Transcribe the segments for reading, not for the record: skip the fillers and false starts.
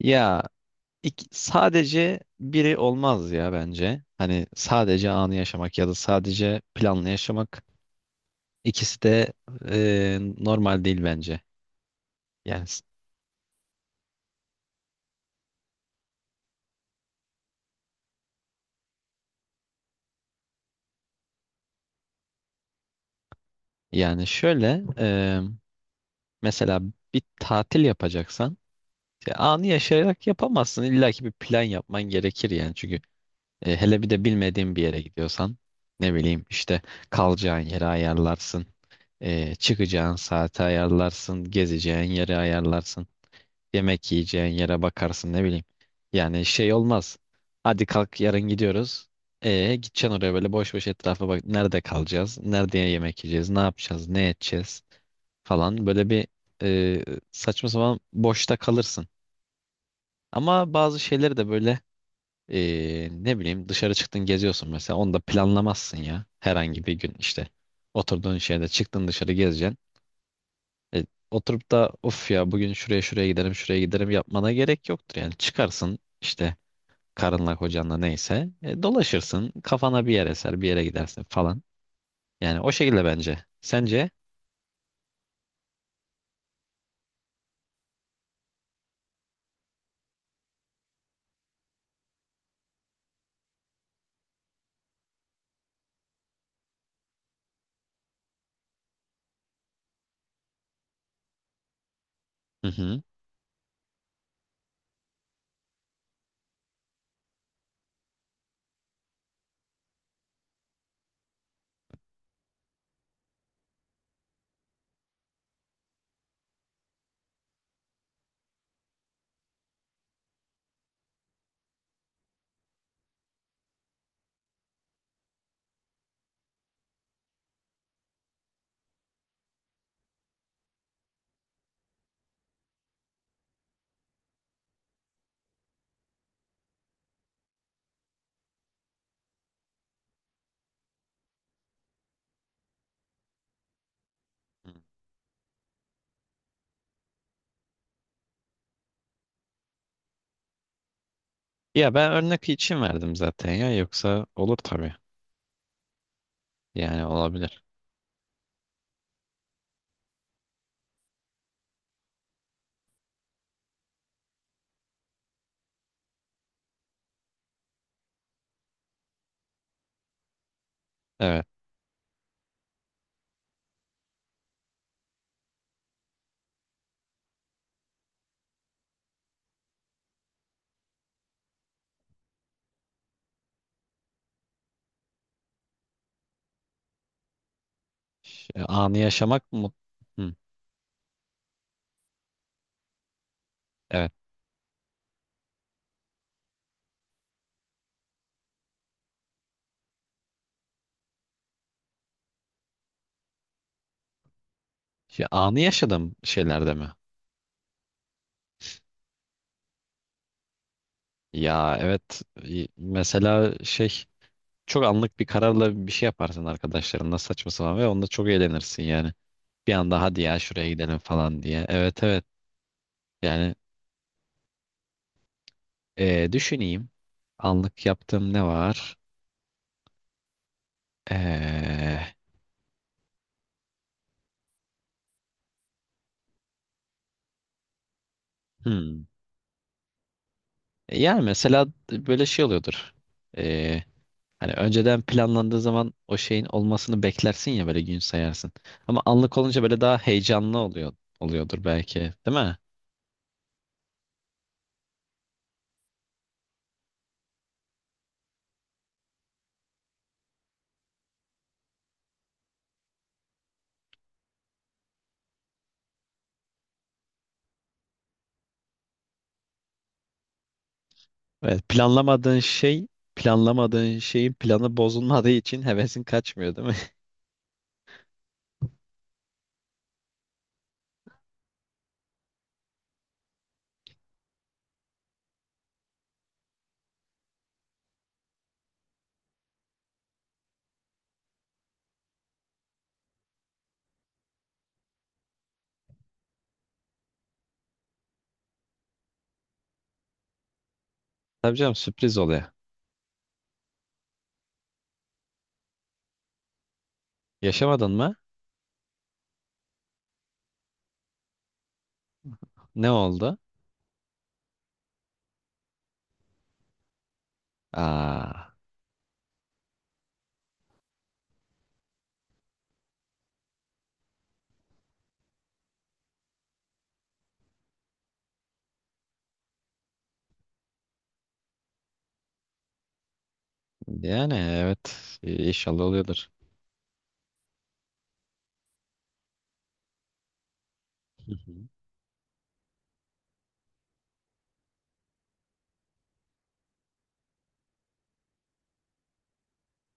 Ya sadece biri olmaz ya bence. Hani sadece anı yaşamak ya da sadece planlı yaşamak ikisi de normal değil bence. Yani s- Yani şöyle, mesela bir tatil yapacaksan anı yaşayarak yapamazsın. İlla ki bir plan yapman gerekir yani. Çünkü hele bir de bilmediğin bir yere gidiyorsan ne bileyim işte kalacağın yeri ayarlarsın. E, çıkacağın saati ayarlarsın, gezeceğin yeri ayarlarsın. Yemek yiyeceğin yere bakarsın ne bileyim. Yani şey olmaz. Hadi kalk yarın gidiyoruz. E gideceksin oraya böyle boş boş etrafa bak. Nerede kalacağız? Nerede yemek yiyeceğiz? Ne yapacağız? Ne edeceğiz? Falan, böyle bir e, saçma sapan boşta kalırsın. Ama bazı şeyleri de böyle, ne bileyim, dışarı çıktın geziyorsun mesela, onu da planlamazsın ya. Herhangi bir gün işte oturduğun şeyde çıktın dışarı gezeceksin. E, oturup da of ya bugün şuraya şuraya giderim şuraya giderim yapmana gerek yoktur. Yani çıkarsın işte karınla kocanla neyse, dolaşırsın, kafana bir yer eser bir yere gidersin falan. Yani o şekilde bence. Sence? Hı hı. Ya ben örnek için verdim zaten ya, yoksa olur tabii. Yani olabilir. Evet. Anı yaşamak mı? Hı, evet. Ya, anı yaşadım şeylerde mi? Ya evet. Mesela şey, çok anlık bir kararla bir şey yaparsın arkadaşlarınla, saçma sapan, ve onda çok eğlenirsin yani. Bir anda hadi ya şuraya gidelim falan diye. Evet evet, yani düşüneyim. Anlık yaptığım ne var? E, hmm. Yani mesela böyle şey oluyordur. E, Hani önceden planlandığı zaman o şeyin olmasını beklersin ya, böyle gün sayarsın. Ama anlık olunca böyle daha heyecanlı oluyor, oluyordur belki, değil mi? Evet, planlamadığın şeyin planı bozulmadığı için hevesin kaçmıyor, değil mi? Tabii canım, sürpriz oluyor. Yaşamadın mı? Ne oldu? Aa, yani evet, inşallah oluyordur. Hı hı.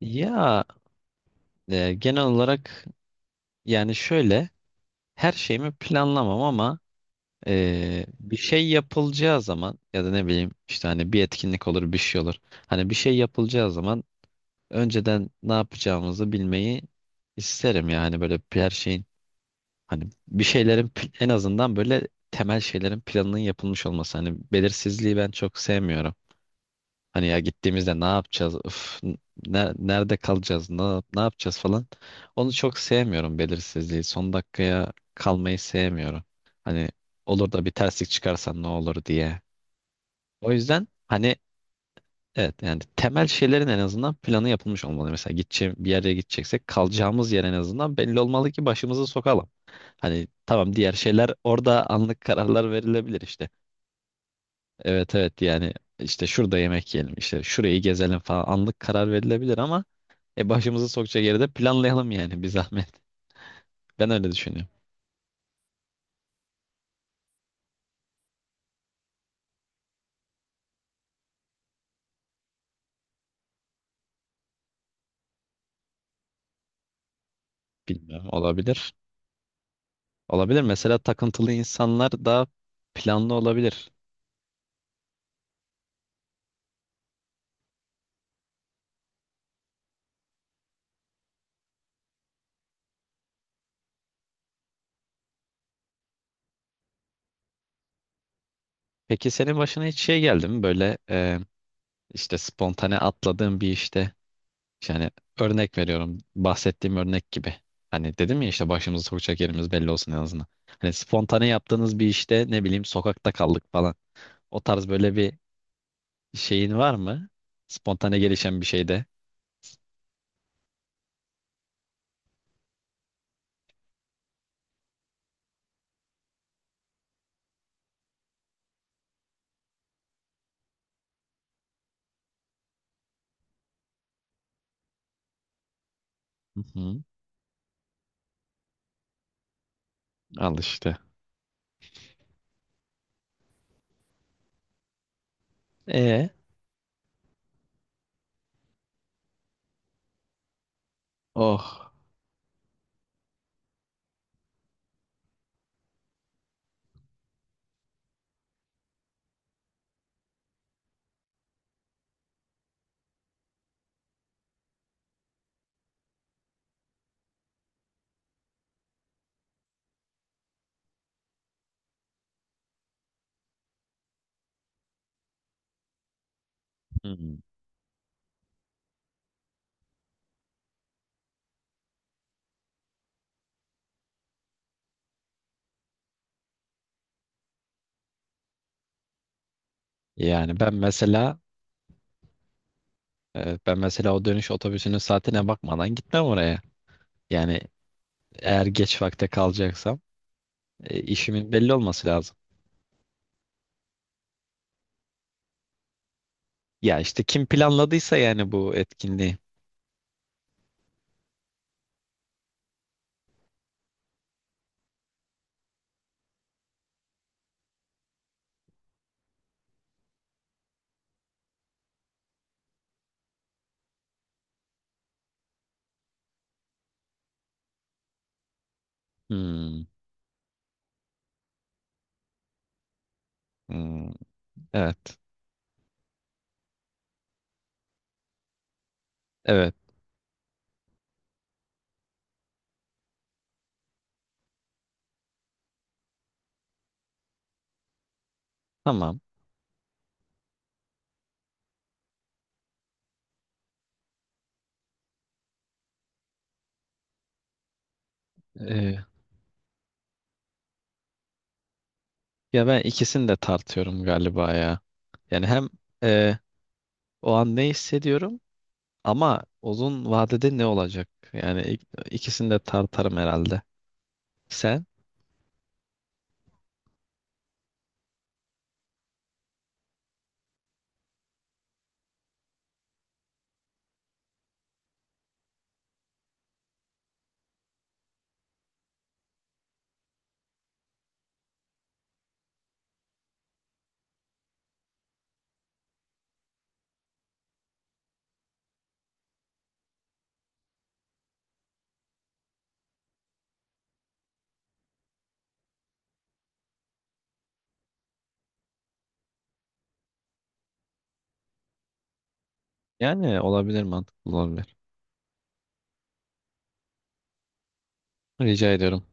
Ya, genel olarak, yani şöyle, her şeyimi planlamam ama bir şey yapılacağı zaman ya da ne bileyim işte, hani bir etkinlik olur, bir şey olur. Hani bir şey yapılacağı zaman önceden ne yapacağımızı bilmeyi isterim yani. Böyle her şeyin, hani bir şeylerin, en azından böyle temel şeylerin planının yapılmış olması. Hani belirsizliği ben çok sevmiyorum. Hani ya gittiğimizde ne yapacağız? Üf, nerede kalacağız? Ne, ne yapacağız falan. Onu çok sevmiyorum, belirsizliği. Son dakikaya kalmayı sevmiyorum. Hani olur da bir terslik çıkarsa ne olur diye. O yüzden hani evet, yani temel şeylerin en azından planı yapılmış olmalı. Mesela gideceğim bir yere gideceksek kalacağımız yer en azından belli olmalı ki başımızı sokalım. Hani tamam, diğer şeyler orada anlık kararlar verilebilir işte. Evet evet, yani işte şurada yemek yiyelim, işte şurayı gezelim falan, anlık karar verilebilir ama başımızı sokacak yeri de planlayalım yani, bir zahmet. Ben öyle düşünüyorum. Bilmiyorum, olabilir. Olabilir, mesela takıntılı insanlar daha planlı olabilir. Peki senin başına hiç şey geldi mi böyle, işte spontane atladığın bir işte, yani örnek veriyorum, bahsettiğim örnek gibi. Hani dedim ya işte başımızı sokacak yerimiz belli olsun en azından. Hani spontane yaptığınız bir işte ne bileyim sokakta kaldık falan. O tarz böyle bir şeyin var mı? Spontane gelişen bir şeyde. Hı hı. Al işte. E, oh. Hı. Yani ben mesela, o dönüş otobüsünün saatine bakmadan gitmem oraya. Yani eğer geç vakte kalacaksam işimin belli olması lazım. Ya işte kim planladıysa yani bu etkinliği. Hmm, hmm, evet. Evet. Tamam. E, Ya ben ikisini de tartıyorum galiba ya. Yani hem e, o an ne hissediyorum, ama uzun vadede ne olacak? Yani ikisini de tartarım herhalde. Sen? Yani olabilir, mantıklı olabilir. Rica ediyorum.